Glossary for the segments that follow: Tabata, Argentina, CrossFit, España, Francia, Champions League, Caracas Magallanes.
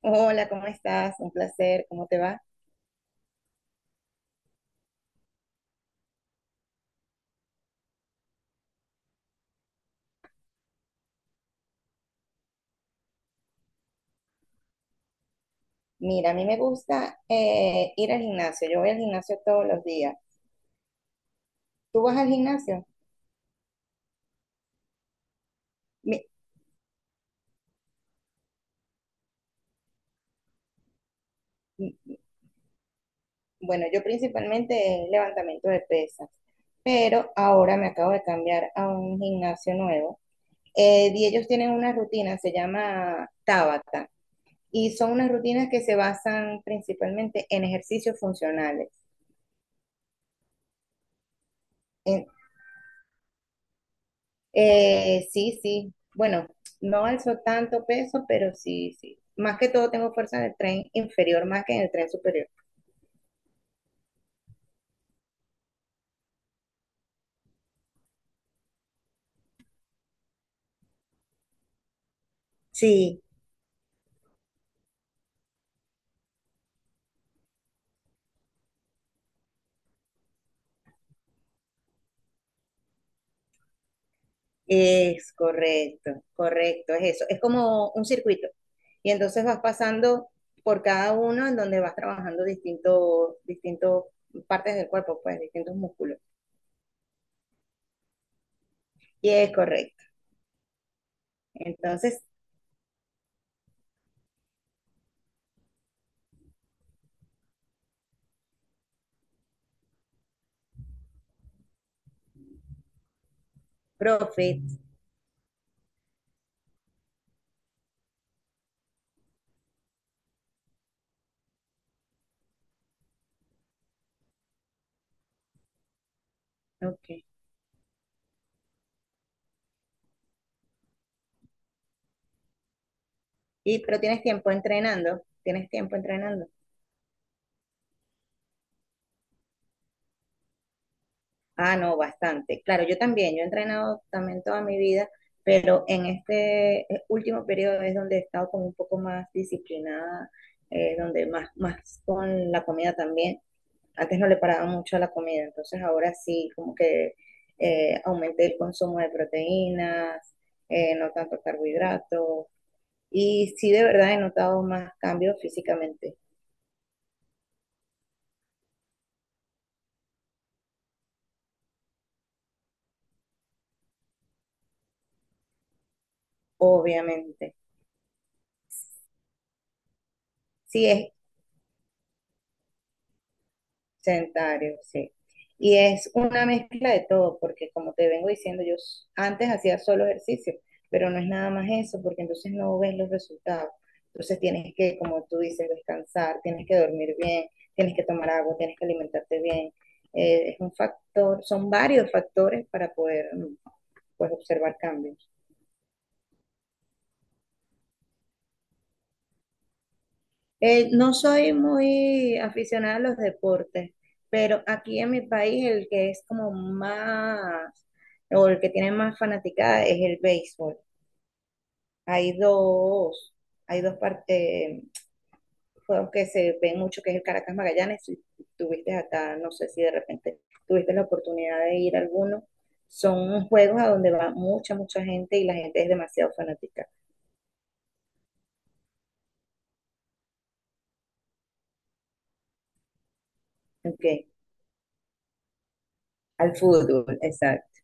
Hola, ¿cómo estás? Un placer, ¿cómo te va? Mira, a mí me gusta ir al gimnasio. Yo voy al gimnasio todos los días. ¿Tú vas al gimnasio? Mi- mi- bueno, yo principalmente es levantamiento de pesas, pero ahora me acabo de cambiar a un gimnasio nuevo. Y ellos tienen una rutina, se llama Tabata, y son unas rutinas que se basan principalmente en ejercicios funcionales. En- sí, sí. Bueno, no alzo tanto peso, pero sí, sí. Más que todo tengo fuerza en el tren inferior más que en el tren superior. Sí, es correcto, correcto, es eso. Es como un circuito. Y entonces vas pasando por cada uno en donde vas trabajando distintos, partes del cuerpo, pues distintos músculos. Y es correcto. Entonces, profit. Ok. Pero tienes tiempo entrenando, tienes tiempo entrenando. Ah, no, bastante. Claro, yo también, yo he entrenado también toda mi vida, pero en este último periodo es donde he estado como un poco más disciplinada, donde más, más con la comida también. Antes no le paraba mucho a la comida, entonces ahora sí, como que aumenté el consumo de proteínas, no tanto carbohidratos, y sí de verdad he notado más cambios físicamente, obviamente. Sí, sedentario sí. Y es una mezcla de todo, porque como te vengo diciendo, antes hacía solo ejercicio, pero no es nada más eso, porque entonces no ves los resultados. Entonces tienes que, como tú dices, descansar, tienes que dormir bien, tienes que tomar agua, tienes que alimentarte bien. Es un factor, son varios factores para poder pues, observar cambios. No soy muy aficionada a los deportes, pero aquí en mi país el que es como más, o el que tiene más fanaticada es el béisbol. Hay dos, hay dos partes, juegos que se ven mucho, que es el Caracas Magallanes. Si tuviste acá, no sé si de repente tuviste la oportunidad de ir a alguno. Son juegos a donde va mucha, mucha gente y la gente es demasiado fanática. Ok, al fútbol, exacto.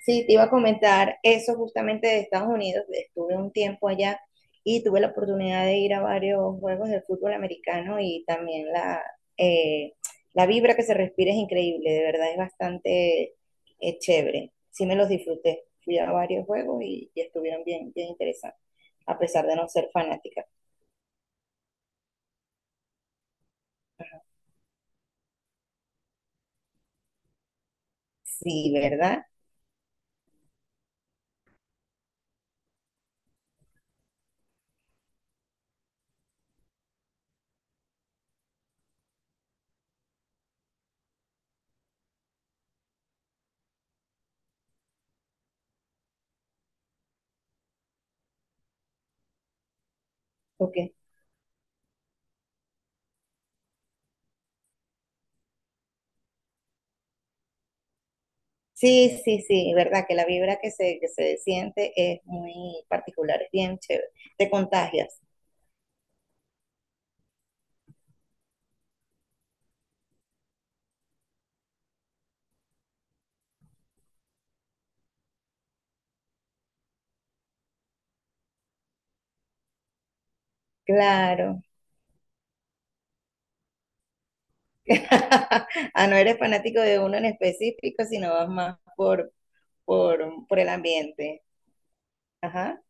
Sí, te iba a comentar eso justamente de Estados Unidos. Estuve un tiempo allá y tuve la oportunidad de ir a varios juegos de fútbol americano y también eh, la vibra que se respira es increíble, de verdad es bastante chévere. Sí me los disfruté. Fui a varios juegos y estuvieron bien, bien interesantes, a pesar de no ser fanática. Sí, ¿verdad? Ok. Sí, sí, sí, verdad que la vibra que que se siente es muy particular, es bien chévere. Te contagias. Claro. Ah, no eres fanático de uno en específico, sino vas más por el ambiente. Ajá.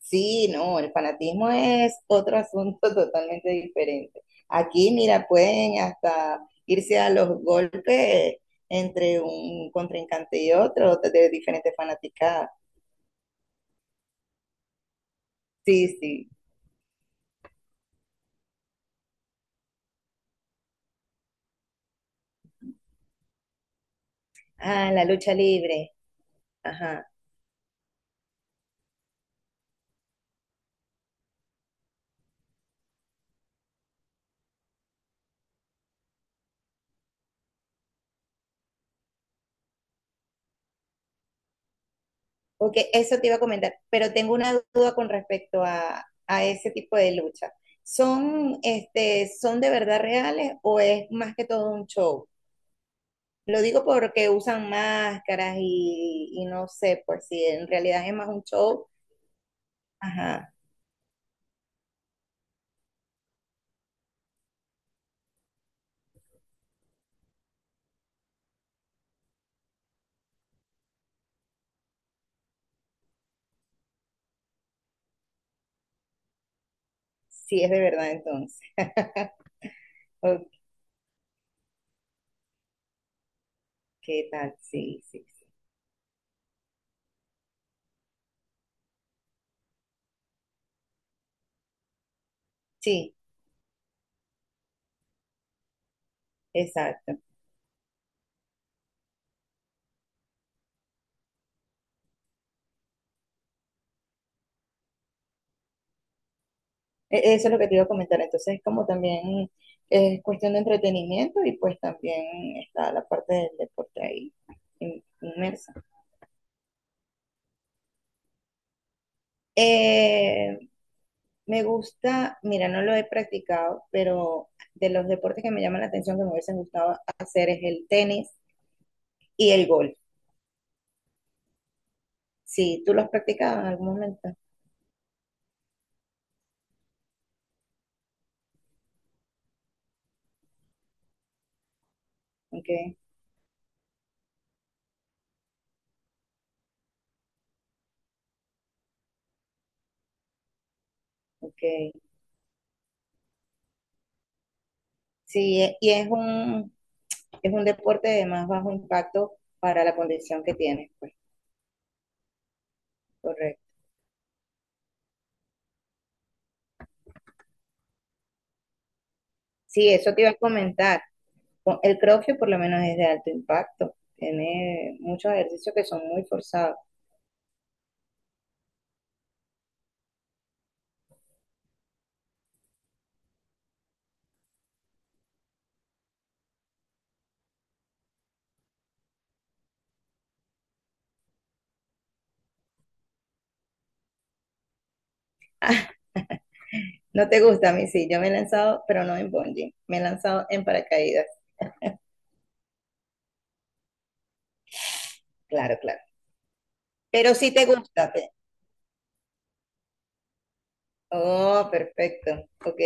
Sí, no, el fanatismo es otro asunto totalmente diferente. Aquí, mira, pueden hasta irse a los golpes entre un contrincante y otro de diferentes fanaticadas. Sí, sí. Ah, la lucha libre. Ajá. Ok, eso te iba a comentar, pero tengo una duda con respecto a ese tipo de lucha. ¿Son, este, son de verdad reales o es más que todo un show? Lo digo porque usan máscaras y no sé, por si en realidad es más un show. Ajá, sí es de verdad entonces. Ok, tal, sí, sí, sí. Sí, exacto. Eso es lo que te iba a comentar. Entonces, es como también es cuestión de entretenimiento y pues también está la parte del deporte ahí inmersa. Eh, me gusta, mira, no lo he practicado, pero de los deportes que me llaman la atención, que me hubiesen gustado hacer es el tenis y el golf. Sí, ¿tú lo has practicado en algún momento? Ok, ok. Sí, y es un deporte de más bajo impacto para la condición que tienes, pues, correcto. Sí, eso te iba a comentar. El CrossFit por lo menos es de alto impacto. Tiene muchos ejercicios que son muy forzados. No te gusta a mí, sí. Yo me he lanzado, pero no en bungee. Me he lanzado en paracaídas. Claro, claro. Pero sí te gusta. Te- Oh, perfecto. Ok.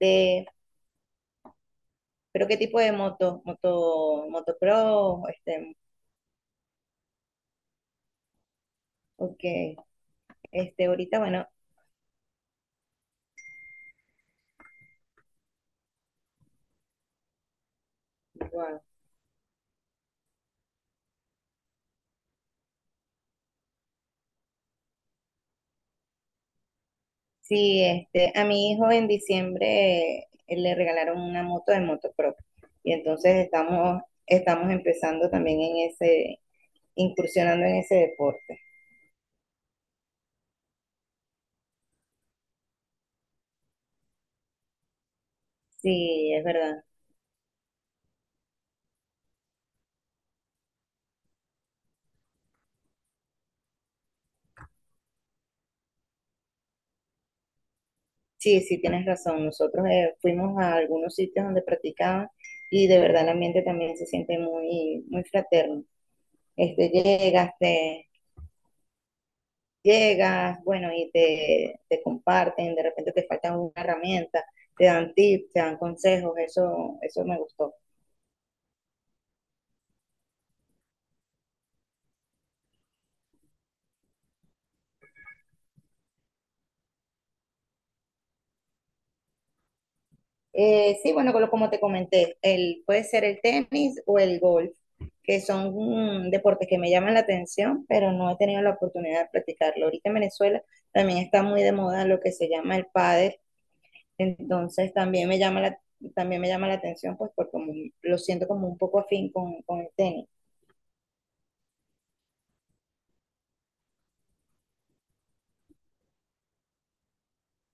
De... ¿Pero qué tipo de moto? ¿Moto, motocross? Este, ok. Este, ahorita, bueno, wow. Sí, este, a mi hijo en diciembre le regalaron una moto de motocross y entonces estamos empezando también en ese, incursionando en ese deporte. Sí, es verdad. Sí, sí, tienes razón. Nosotros fuimos a algunos sitios donde practicaban y de verdad el ambiente también se siente muy, muy fraterno. Este, llegas, bueno, te comparten, de repente te faltan una herramienta, te dan tips, te dan consejos, eso me gustó. Sí, bueno, como te comenté, el, puede ser el tenis o el golf, que son deportes que me llaman la atención, pero no he tenido la oportunidad de practicarlo. Ahorita en Venezuela también está muy de moda lo que se llama el pádel, entonces también me llama también me llama la atención, pues porque como lo siento como un poco afín con el tenis,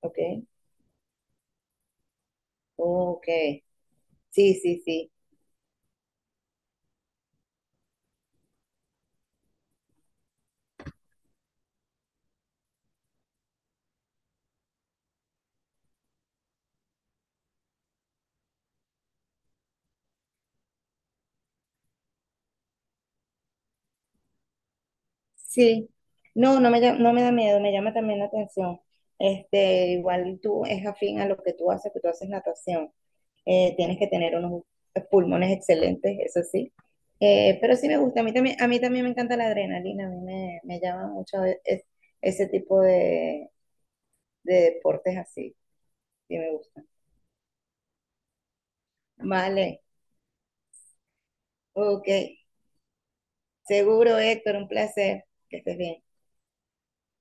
¿ok? Ok, sí, sí, sí, sí. No, no me, no me da miedo, me llama también la atención. Este, igual tú es afín a lo que tú haces natación. Tienes que tener unos pulmones excelentes, eso sí. Pero sí me gusta, a mí también me encanta la adrenalina, a mí me llama mucho ese tipo de deportes así, sí me gusta. Vale, ok, seguro Héctor, un placer, que estés bien.